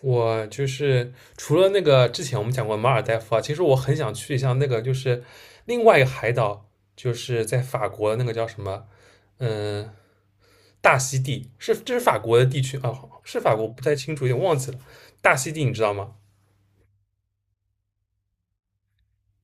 我就是除了那个之前我们讲过马尔代夫啊，其实我很想去一下那个就是另外一个海岛，就是在法国的那个叫什么，嗯、大溪地，这是法国的地区啊，是法国不太清楚，有点忘记了。大溪地你知道吗？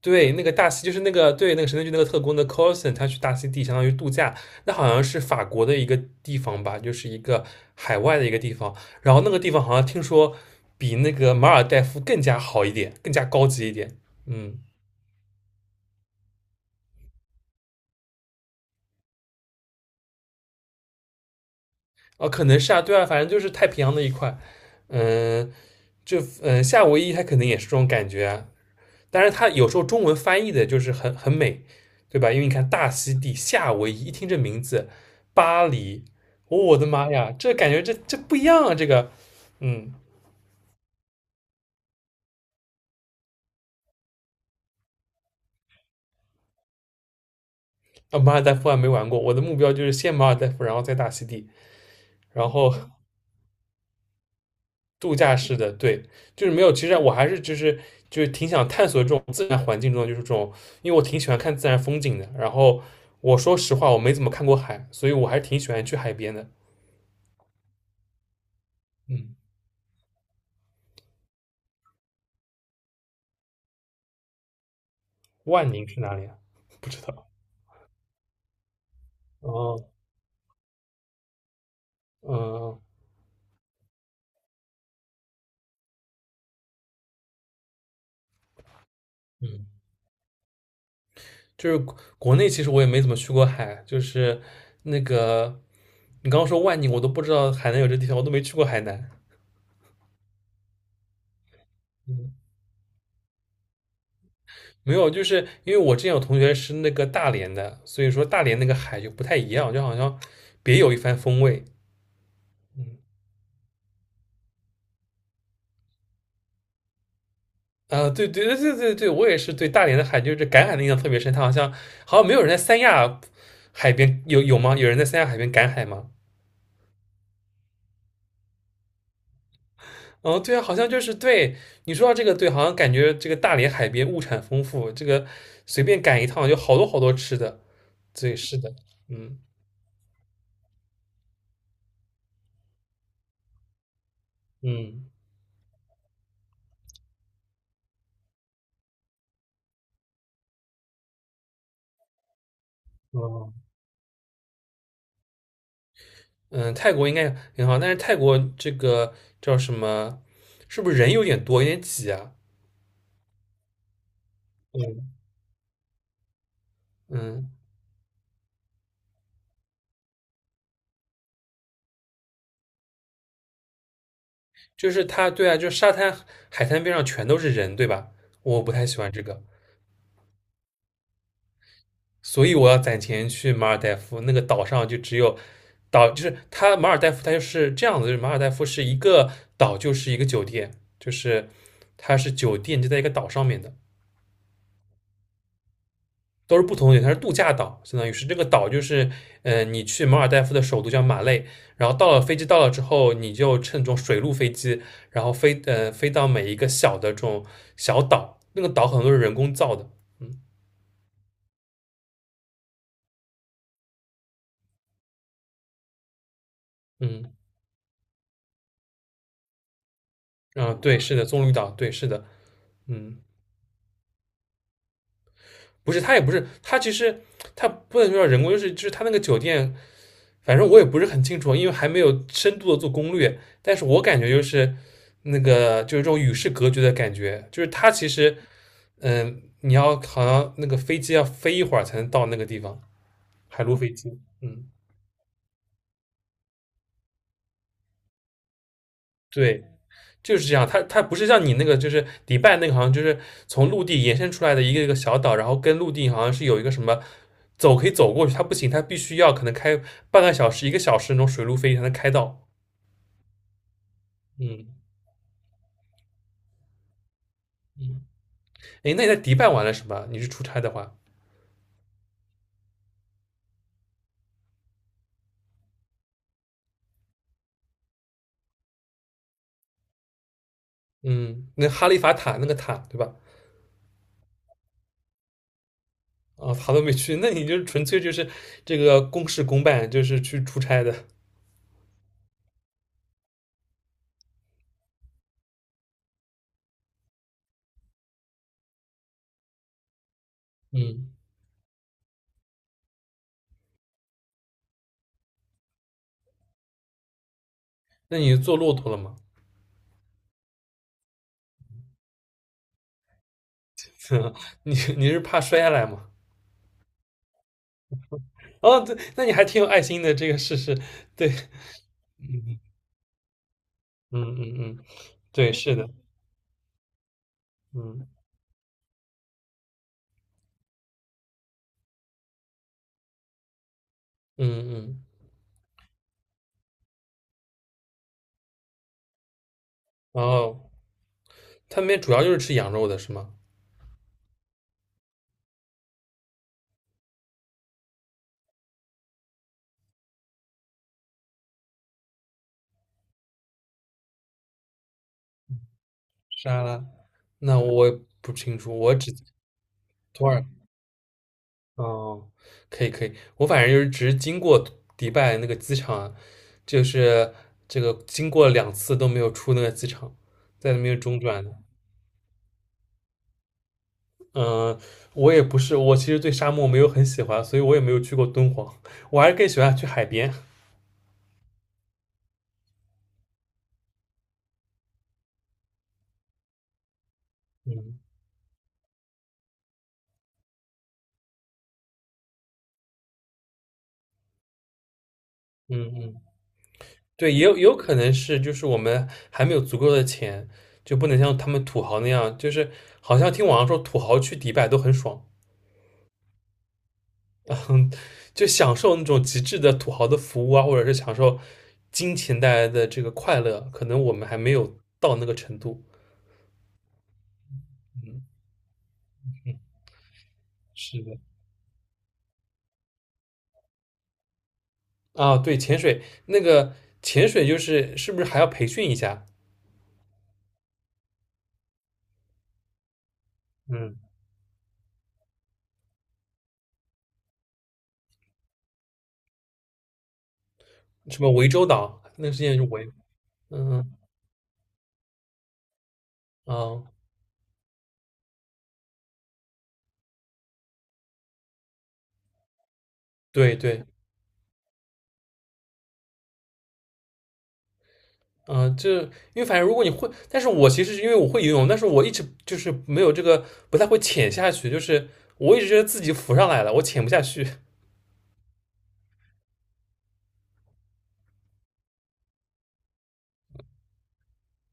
对，那个大西就是那个对那个神盾局那个特工的 Coulson，他去大溪地相当于度假，那好像是法国的一个地方吧，就是一个海外的一个地方。然后那个地方好像听说比那个马尔代夫更加好一点，更加高级一点。嗯，哦，可能是啊，对啊，反正就是太平洋那一块。嗯，就夏威夷它可能也是这种感觉啊，但是它有时候中文翻译的就是很美，对吧？因为你看大溪地、夏威夷，一听这名字，巴黎，哦我的妈呀，这感觉这不一样啊！这个，嗯，啊，马尔代夫还没玩过，我的目标就是先马尔代夫，然后再大溪地，然后度假式的，对，就是没有。其实我还是就是挺想探索这种自然环境中的，就是这种，因为我挺喜欢看自然风景的。然后我说实话，我没怎么看过海，所以我还是挺喜欢去海边的。嗯，万宁是哪里啊？不知道。哦，嗯嗯，就是国内其实我也没怎么去过海，就是那个你刚刚说万宁，我都不知道海南有这地方，我都没去过海南。嗯，没有，就是因为我之前有同学是那个大连的，所以说大连那个海就不太一样，就好像别有一番风味。啊、对对对对对对，我也是对大连的海，就是赶海的印象特别深。它好像没有人在三亚海边有吗？有人在三亚海边赶海吗？哦，对啊，好像就是对你说到这个，对，好像感觉这个大连海边物产丰富，这个随便赶一趟就好多好多吃的。对，是的，嗯嗯哦嗯，泰国应该很好，但是泰国这个叫什么，是不是人有点多，有点挤啊？嗯嗯，就是它，对啊，就是海滩边上全都是人，对吧？我不太喜欢这个。所以我要攒钱去马尔代夫那个岛上，就只有岛，就是它马尔代夫，它就是这样子，就是马尔代夫是一个岛，就是一个酒店，就是它是酒店就在一个岛上面的，都是不同的，它是度假岛，相当于是这个岛就是，你去马尔代夫的首都叫马累，然后到了飞机到了之后，你就乘这种水陆飞机，然后飞到每一个小的这种小岛，那个岛很多是人工造的，嗯嗯啊、对，是的，棕榈岛，对，是的，嗯。不是，他也不是，他其实他不能叫人工，就是他那个酒店，反正我也不是很清楚，因为还没有深度的做攻略。但是我感觉就是那个就是这种与世隔绝的感觉，就是他其实你要好像那个飞机要飞一会儿才能到那个地方，海陆飞机，嗯，对。就是这样，它不是像你那个，就是迪拜那个，好像就是从陆地延伸出来的一个一个小岛，然后跟陆地好像是有一个什么走可以走过去，它不行，它必须要可能开半个小时、一个小时那种水路飞才能开到。嗯，哎，那你在迪拜玩了什么？你是出差的话，嗯，那哈利法塔那个塔对吧？啊、塔都没去，那你就纯粹就是这个公事公办，就是去出差的。嗯，那你坐骆驼了吗？你是怕摔下来吗？哦，对，那你还挺有爱心的，这个事是，对，嗯嗯嗯，对，是的，嗯嗯嗯，然后他们那边主要就是吃羊肉的是吗？沙拉？那我也不清楚，我只土耳哦，可以可以，我反正就是只是经过迪拜那个机场啊，就是这个经过2次都没有出那个机场，在那边中转的。嗯，我也不是，我其实对沙漠没有很喜欢，所以我也没有去过敦煌，我还是更喜欢去海边。嗯嗯嗯。对，也有可能是，就是我们还没有足够的钱，就不能像他们土豪那样，就是好像听网上说土豪去迪拜都很爽，嗯，就享受那种极致的土豪的服务啊，或者是享受金钱带来的这个快乐，可能我们还没有到那个程度。嗯，是的。啊，对，潜水那个潜水就是是不是还要培训一下？嗯，什么涠洲岛那个事件嗯啊，哦对对。嗯、就因为反正如果你会，但是我其实是因为我会游泳，但是我一直就是没有这个，不太会潜下去，就是我一直觉得自己浮上来了，我潜不下去。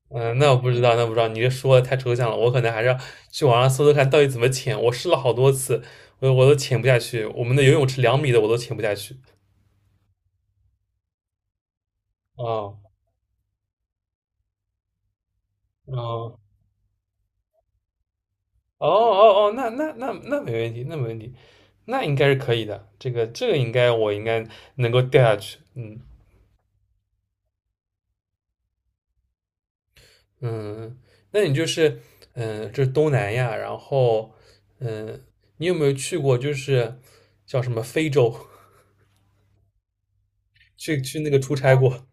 嗯，那我不知道，那我不知道，你这说的太抽象了，我可能还是要去网上搜搜看到底怎么潜。我试了好多次，我都潜不下去，我们的游泳池2米的我都潜不下去。哦，哦，哦哦哦，那没问题，那没问题，那应该是可以的，这个应该我应该能够掉下去，嗯。嗯，那你就是这是东南亚，然后嗯，你有没有去过就是叫什么非洲？去那个出差过？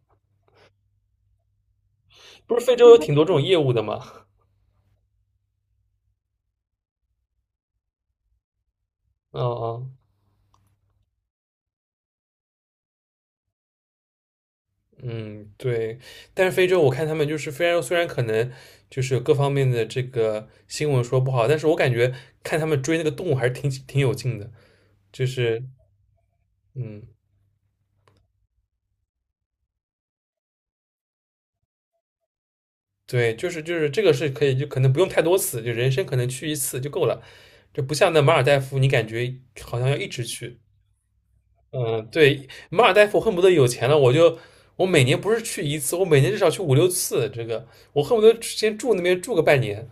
不是非洲有挺多这种业务的吗？嗯嗯嗯，对。但是非洲我看他们就是非洲，虽然可能就是各方面的这个新闻说不好，但是我感觉看他们追那个动物还是挺有劲的，就是。嗯。对，就是这个是可以，就可能不用太多次，就人生可能去一次就够了。就不像那马尔代夫，你感觉好像要一直去。嗯，对，马尔代夫恨不得有钱了，我每年不是去一次，我每年至少去5、6次。这个我恨不得先住那边住个半年。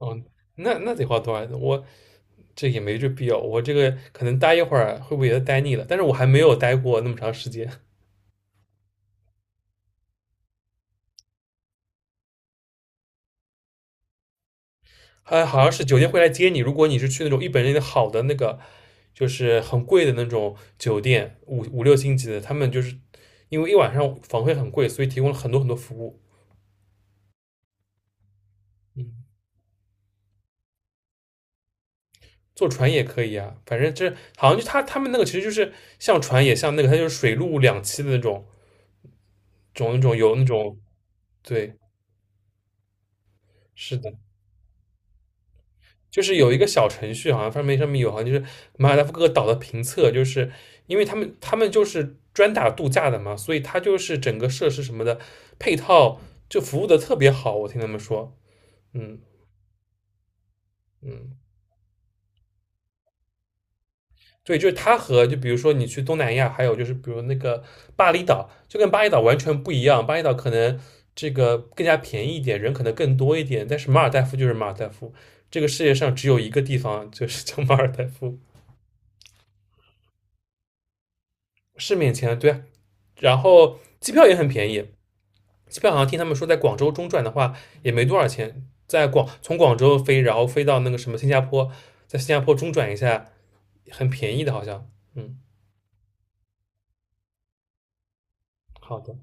哦，那得花多少钱？我这也没这必要。我这个可能待一会儿会不会也待腻了？但是我还没有待过那么长时间。好像是酒店会来接你。如果你是去那种一本正的好的那个，就是很贵的那种酒店，五六星级的，他们就是因为一晚上房费很贵，所以提供了很多很多服务。坐船也可以啊，反正这好像就他们那个其实就是像船也像那个，它就是水陆两栖的那种，那种有那种对，是的。就是有一个小程序，好像上面有，好像就是马尔代夫各个岛的评测，就是因为他们就是专打度假的嘛，所以它就是整个设施什么的配套就服务的特别好，我听他们说，嗯嗯，对，就是它和就比如说你去东南亚，还有就是比如那个巴厘岛，就跟巴厘岛完全不一样，巴厘岛可能这个更加便宜一点，人可能更多一点，但是马尔代夫就是马尔代夫，这个世界上只有一个地方就是叫马尔代夫。是免签，对啊，然后机票也很便宜，机票好像听他们说在广州中转的话也没多少钱，从广州飞，然后飞到那个什么新加坡，在新加坡中转一下，很便宜的，好像。嗯，好的。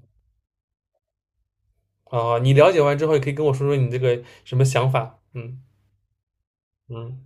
啊，你了解完之后也可以跟我说说你这个什么想法。嗯嗯。